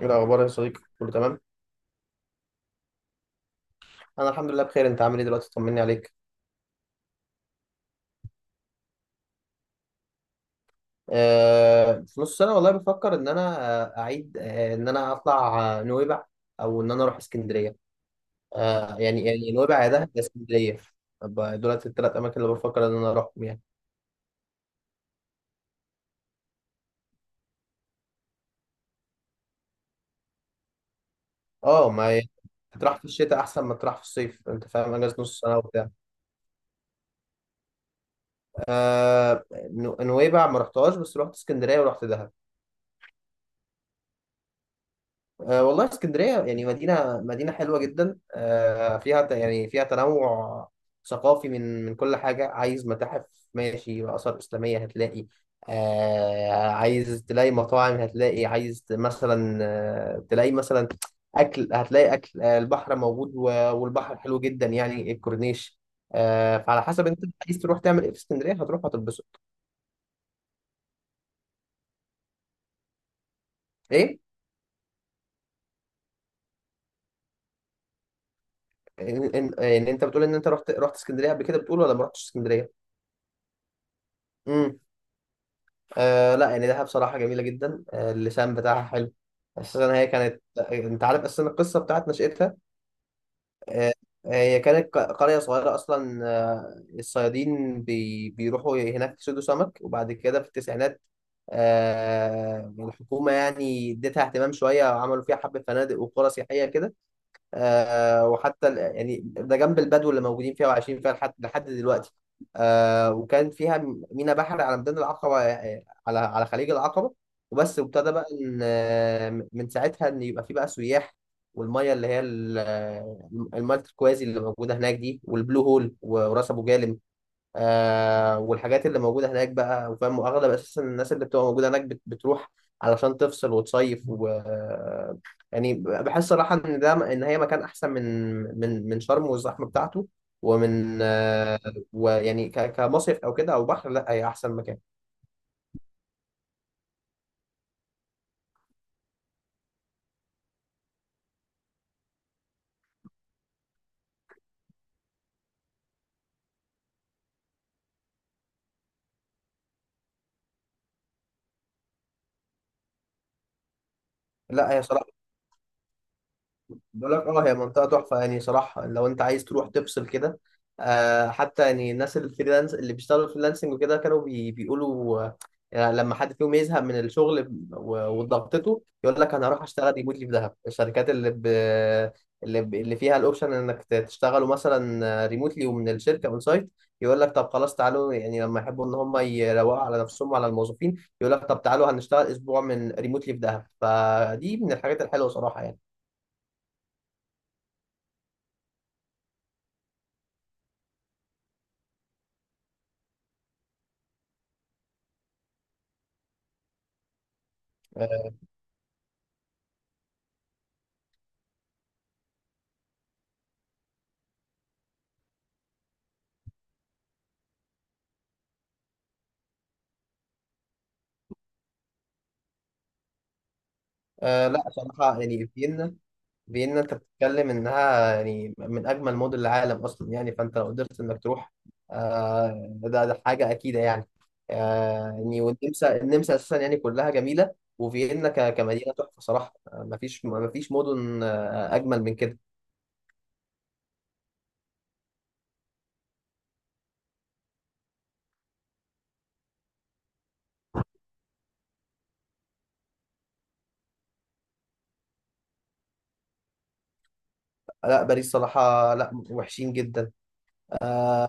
ايه الاخبار يا صديقي؟ كله تمام. انا الحمد لله بخير، انت عامل ايه دلوقتي؟ طمني عليك. في نص سنه والله بفكر ان انا آه، اعيد آه ان انا اطلع نويبع او ان انا اروح اسكندريه. يعني نويبع يا دهب يا اسكندريه. طب دولت الثلاث اماكن اللي بفكر ان انا اروحهم يعني. اه ما هي- تروح في الشتاء احسن ما تروح في الصيف، انت فاهم، اجازه نص سنه وبتاع. آه. نويبع ما رحتهاش، بس رحت اسكندريه ورحت دهب. أه والله اسكندرية يعني مدينة حلوة جدا، أه فيها يعني فيها تنوع ثقافي، من كل حاجة: عايز متاحف ماشي، آثار إسلامية هتلاقي، أه عايز تلاقي مطاعم هتلاقي، عايز مثلا أه تلاقي مثلا أكل هتلاقي أكل، أه البحر موجود والبحر حلو جدا، يعني الكورنيش، أه فعلى حسب أنت عايز تروح تعمل إيه في اسكندرية، هتروح هتتبسط. إيه؟ إن أنت بتقول إن أنت رحت اسكندرية قبل كده، بتقول ولا ما رحتش اسكندرية؟ آه لا، يعني دهب بصراحة جميلة جدا، آه اللسان بتاعها حلو، أساسا هي كانت، أنت عارف أساسا القصة بتاعت نشأتها؟ آه، هي كانت قرية صغيرة أصلا، آه الصيادين بيروحوا هناك يصيدوا سمك، وبعد كده في التسعينات آه الحكومة يعني اديتها اهتمام شوية وعملوا فيها حبة فنادق وقرى سياحية كده. آه وحتى يعني ده جنب البدو اللي موجودين فيها وعايشين فيها لحد دلوقتي. آه، وكان فيها مينا بحر على ميدان العقبة، على خليج العقبة. وبس، وابتدى بقى إن من ساعتها إن يبقى في بقى سياح، والمية اللي هي المية التركوازي اللي موجودة هناك دي، والبلو هول وراس أبو جالم، آه والحاجات اللي موجودة هناك بقى، وفاهم، وأغلب أساسا الناس اللي بتبقى موجودة هناك بتروح علشان تفصل وتصيف و يعني بحس صراحة إن ده، إن هي مكان أحسن من من شرم والزحمة بتاعته، ومن آه، ويعني كمصيف أو كده أو بحر، لا هي أحسن مكان. لا هي صراحة، بقول لك، اه هي منطقة تحفة يعني صراحة، لو انت عايز تروح تفصل كده. آه حتى يعني الناس الفريلانس اللي بيشتغلوا فريلانسنج وكده، كانوا بيقولوا آه، يعني لما حد فيهم يزهق من الشغل وضغطته يقول لك انا هروح اشتغل ريموتلي في دهب. الشركات اللي اللي فيها الاوبشن انك تشتغلوا مثلا ريموتلي ومن الشركة اون سايت، يقول لك طب خلاص تعالوا، يعني لما يحبوا ان هم يروقوا على نفسهم وعلى الموظفين يقول لك طب تعالوا هنشتغل اسبوع من ريموتلي في دهب، فدي من الحاجات الحلوة صراحة يعني. أه لا صراحة يعني فيينا، فيينا انت بتتكلم انها يعني من اجمل مدن العالم اصلا يعني، فانت لو قدرت انك تروح، أه ده حاجة اكيدة يعني. أه يعني والنمسا، النمسا اساسا يعني كلها جميلة، وفيينا كمدينة تحفة صراحة. مفيش مدن اجمل من كده. لا باريس صراحة لا، وحشين جدا. آه،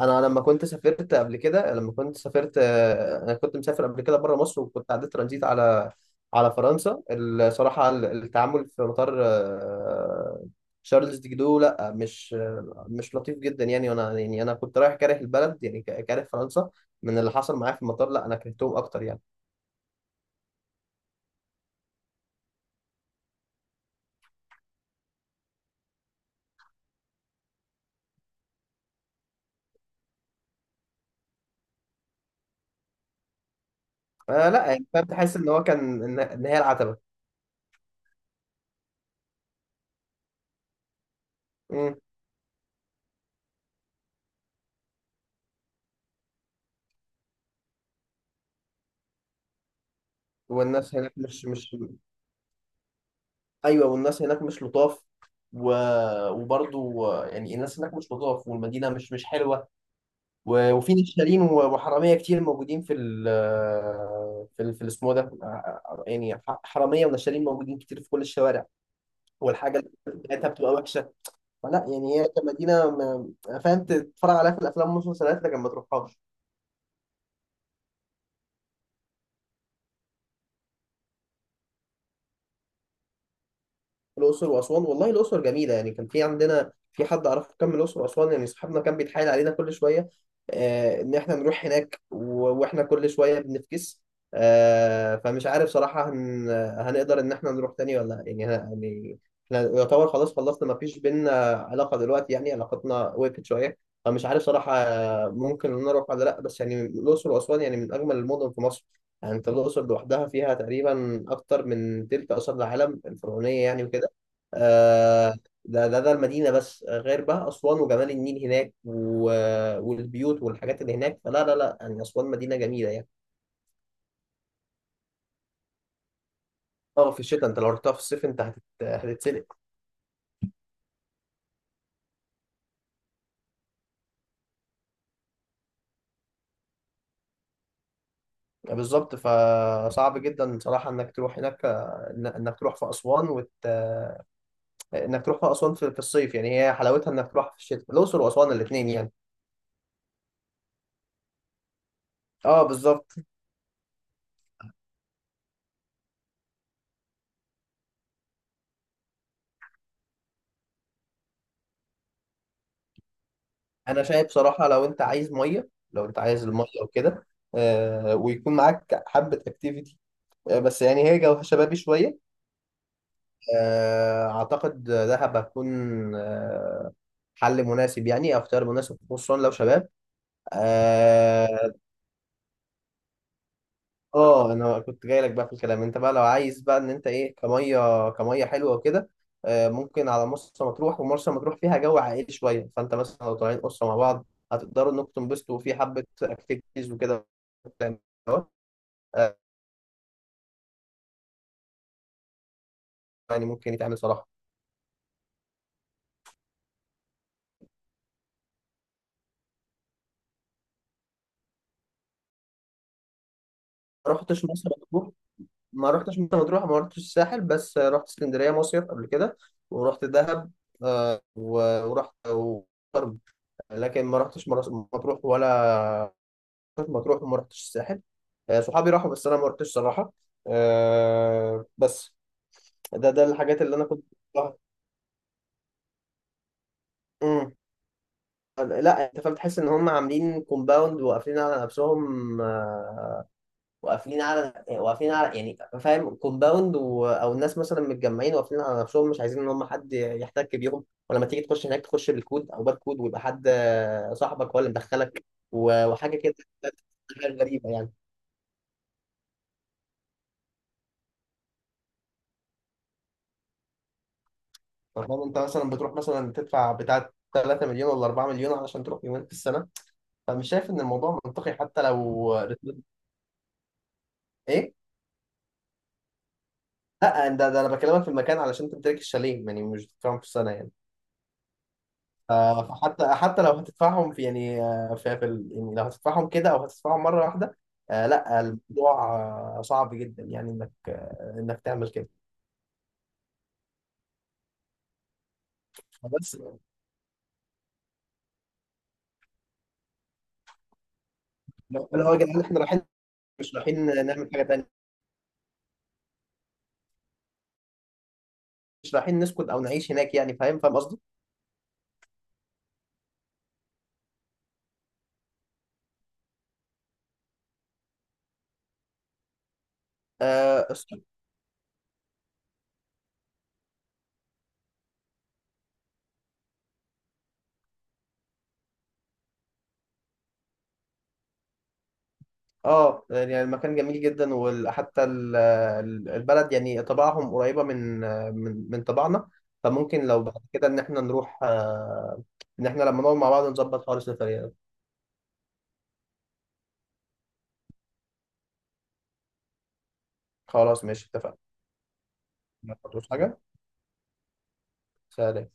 انا لما كنت سافرت قبل كده، لما كنت سافرت انا كنت مسافر قبل كده بره مصر، وكنت عديت ترانزيت على فرنسا. الصراحه التعامل في مطار شارلز دي جدو لا مش مش لطيف جدا يعني، وانا يعني انا كنت رايح كاره البلد يعني، كاره فرنسا من اللي حصل معايا في المطار، لا انا كرهتهم اكتر يعني. آه لا يعني فاهم، تحس ان هو كان ان إن هي العتبه. مم. والناس هناك مش، ايوه والناس هناك مش لطاف، و... وبرضو يعني الناس هناك مش لطاف، والمدينه مش حلوه، و... وفي نشالين وحراميه كتير موجودين في ال في ال في الاسمه ده، يعني حراميه ونشالين موجودين كتير في كل الشوارع، والحاجه بتاعتها بتبقى وحشه. فلا يعني هي كمدينه فاهم تتفرج عليها في الافلام والمسلسلات لكن ما تروحهاش. الأقصر وأسوان، والله الأقصر جميلة، يعني كان في عندنا في حد أعرفه كان من الأقصر وأسوان، يعني صاحبنا كان بيتحايل علينا كل شوية آه إن إحنا نروح هناك وإحنا كل شوية بنفكس. آه، فمش عارف صراحة هنقدر إن إحنا نروح تاني ولا لأ. يعني يعني إحنا يعتبر خلاص خلصنا، مفيش بينا علاقة دلوقتي، يعني علاقتنا وقفت شوية، فمش عارف صراحة، ممكن إن أنا أروح ولا لأ. بس يعني الأقصر وأسوان يعني من أجمل المدن في مصر، يعني انت الاقصر لوحدها فيها تقريبا اكتر من تلت اثار العالم الفرعونيه يعني، وكده. آه، ده المدينة بس، غير بقى أسوان وجمال النيل هناك، و... والبيوت والحاجات اللي هناك، فلا لا يعني أسوان مدينة جميلة يعني. اه في الشتاء، انت لو رحتها في الصيف انت هتتسلق. بالظبط، فصعب جدا صراحة انك تروح هناك، انك تروح في أسوان وت... آه، انك تروح في أسوان في الصيف، يعني هي حلاوتها انك تروح في الشتاء، الأقصر وأسوان الاتنين يعني. اه بالظبط. انا شايف صراحة لو انت عايز مية، لو انت عايز المية وكده، ويكون معاك حبة اكتيفيتي، بس يعني هي جوها شبابي شوية، أعتقد دهب هتكون آه، حل مناسب يعني أو اختيار مناسب، خصوصا لو شباب. آه. أنا كنت جاي لك بقى في الكلام، أنت بقى لو عايز بقى إن أنت إيه كمية، حلوة وكده، ممكن على مرسى مطروح. ومرسى مطروح فيها جو عائلي شوية، فأنت مثلا لو طالعين أسرة مع بعض هتقدروا إنكم تنبسطوا في حبة أكتيفيتيز وكده. آه، يعني ممكن يتعمل صراحة. ما رحتش مرسى مطروح ما رحتش مرسى مطروح، ما رحتش الساحل، بس رحت اسكندريه مصيف قبل كده ورحت دهب، ورحت وشرم، لكن ما رحتش مرسى مطروح، ولا رحت مطروح وما رحتش الساحل. صحابي راحوا بس انا ما رحتش صراحه، آه، بس ده الحاجات اللي انا كنت بروحها. مم. لا انت فاهم، تحس ان هم عاملين كومباوند وقافلين على نفسهم، واقفين على يعني فاهم كومباوند، و... او الناس مثلا متجمعين واقفين على نفسهم، مش عايزين ان هم حد يحتك بيهم، ولما تيجي تخش هناك تخش بالكود او باركود، ويبقى حد صاحبك هو اللي مدخلك، و... وحاجه كده، حاجة غريبه يعني. فاهم انت مثلا بتروح مثلا تدفع بتاع 3 مليون ولا 4 مليون علشان تروح يومين في السنه، فمش شايف ان الموضوع منطقي، ايه لا ده انا بكلمك في المكان علشان تمتلك الشاليه يعني، مش بتدفعهم في السنه يعني. فحتى لو هتدفعهم في يعني في يعني لو هتدفعهم كده او هتدفعهم مره واحده، آه لا الموضوع آه صعب جدا يعني، انك آه انك تعمل كده. بس لو يا جدعان احنا رايحين، مش رايحين نعمل حاجه تانيه، مش رايحين نسكت او نعيش هناك، يعني فاهم، فاهم قصدي؟ اه الس- آه، يعني المكان جميل جدا، وحتى البلد يعني طباعهم قريبه من من طباعنا، فممكن لو بعد كده ان احنا نروح آه ان احنا لما نقعد مع بعض نظبط خالص السفريه. خلاص ماشي، اتفقنا. ما تقولوش حاجة. سلام.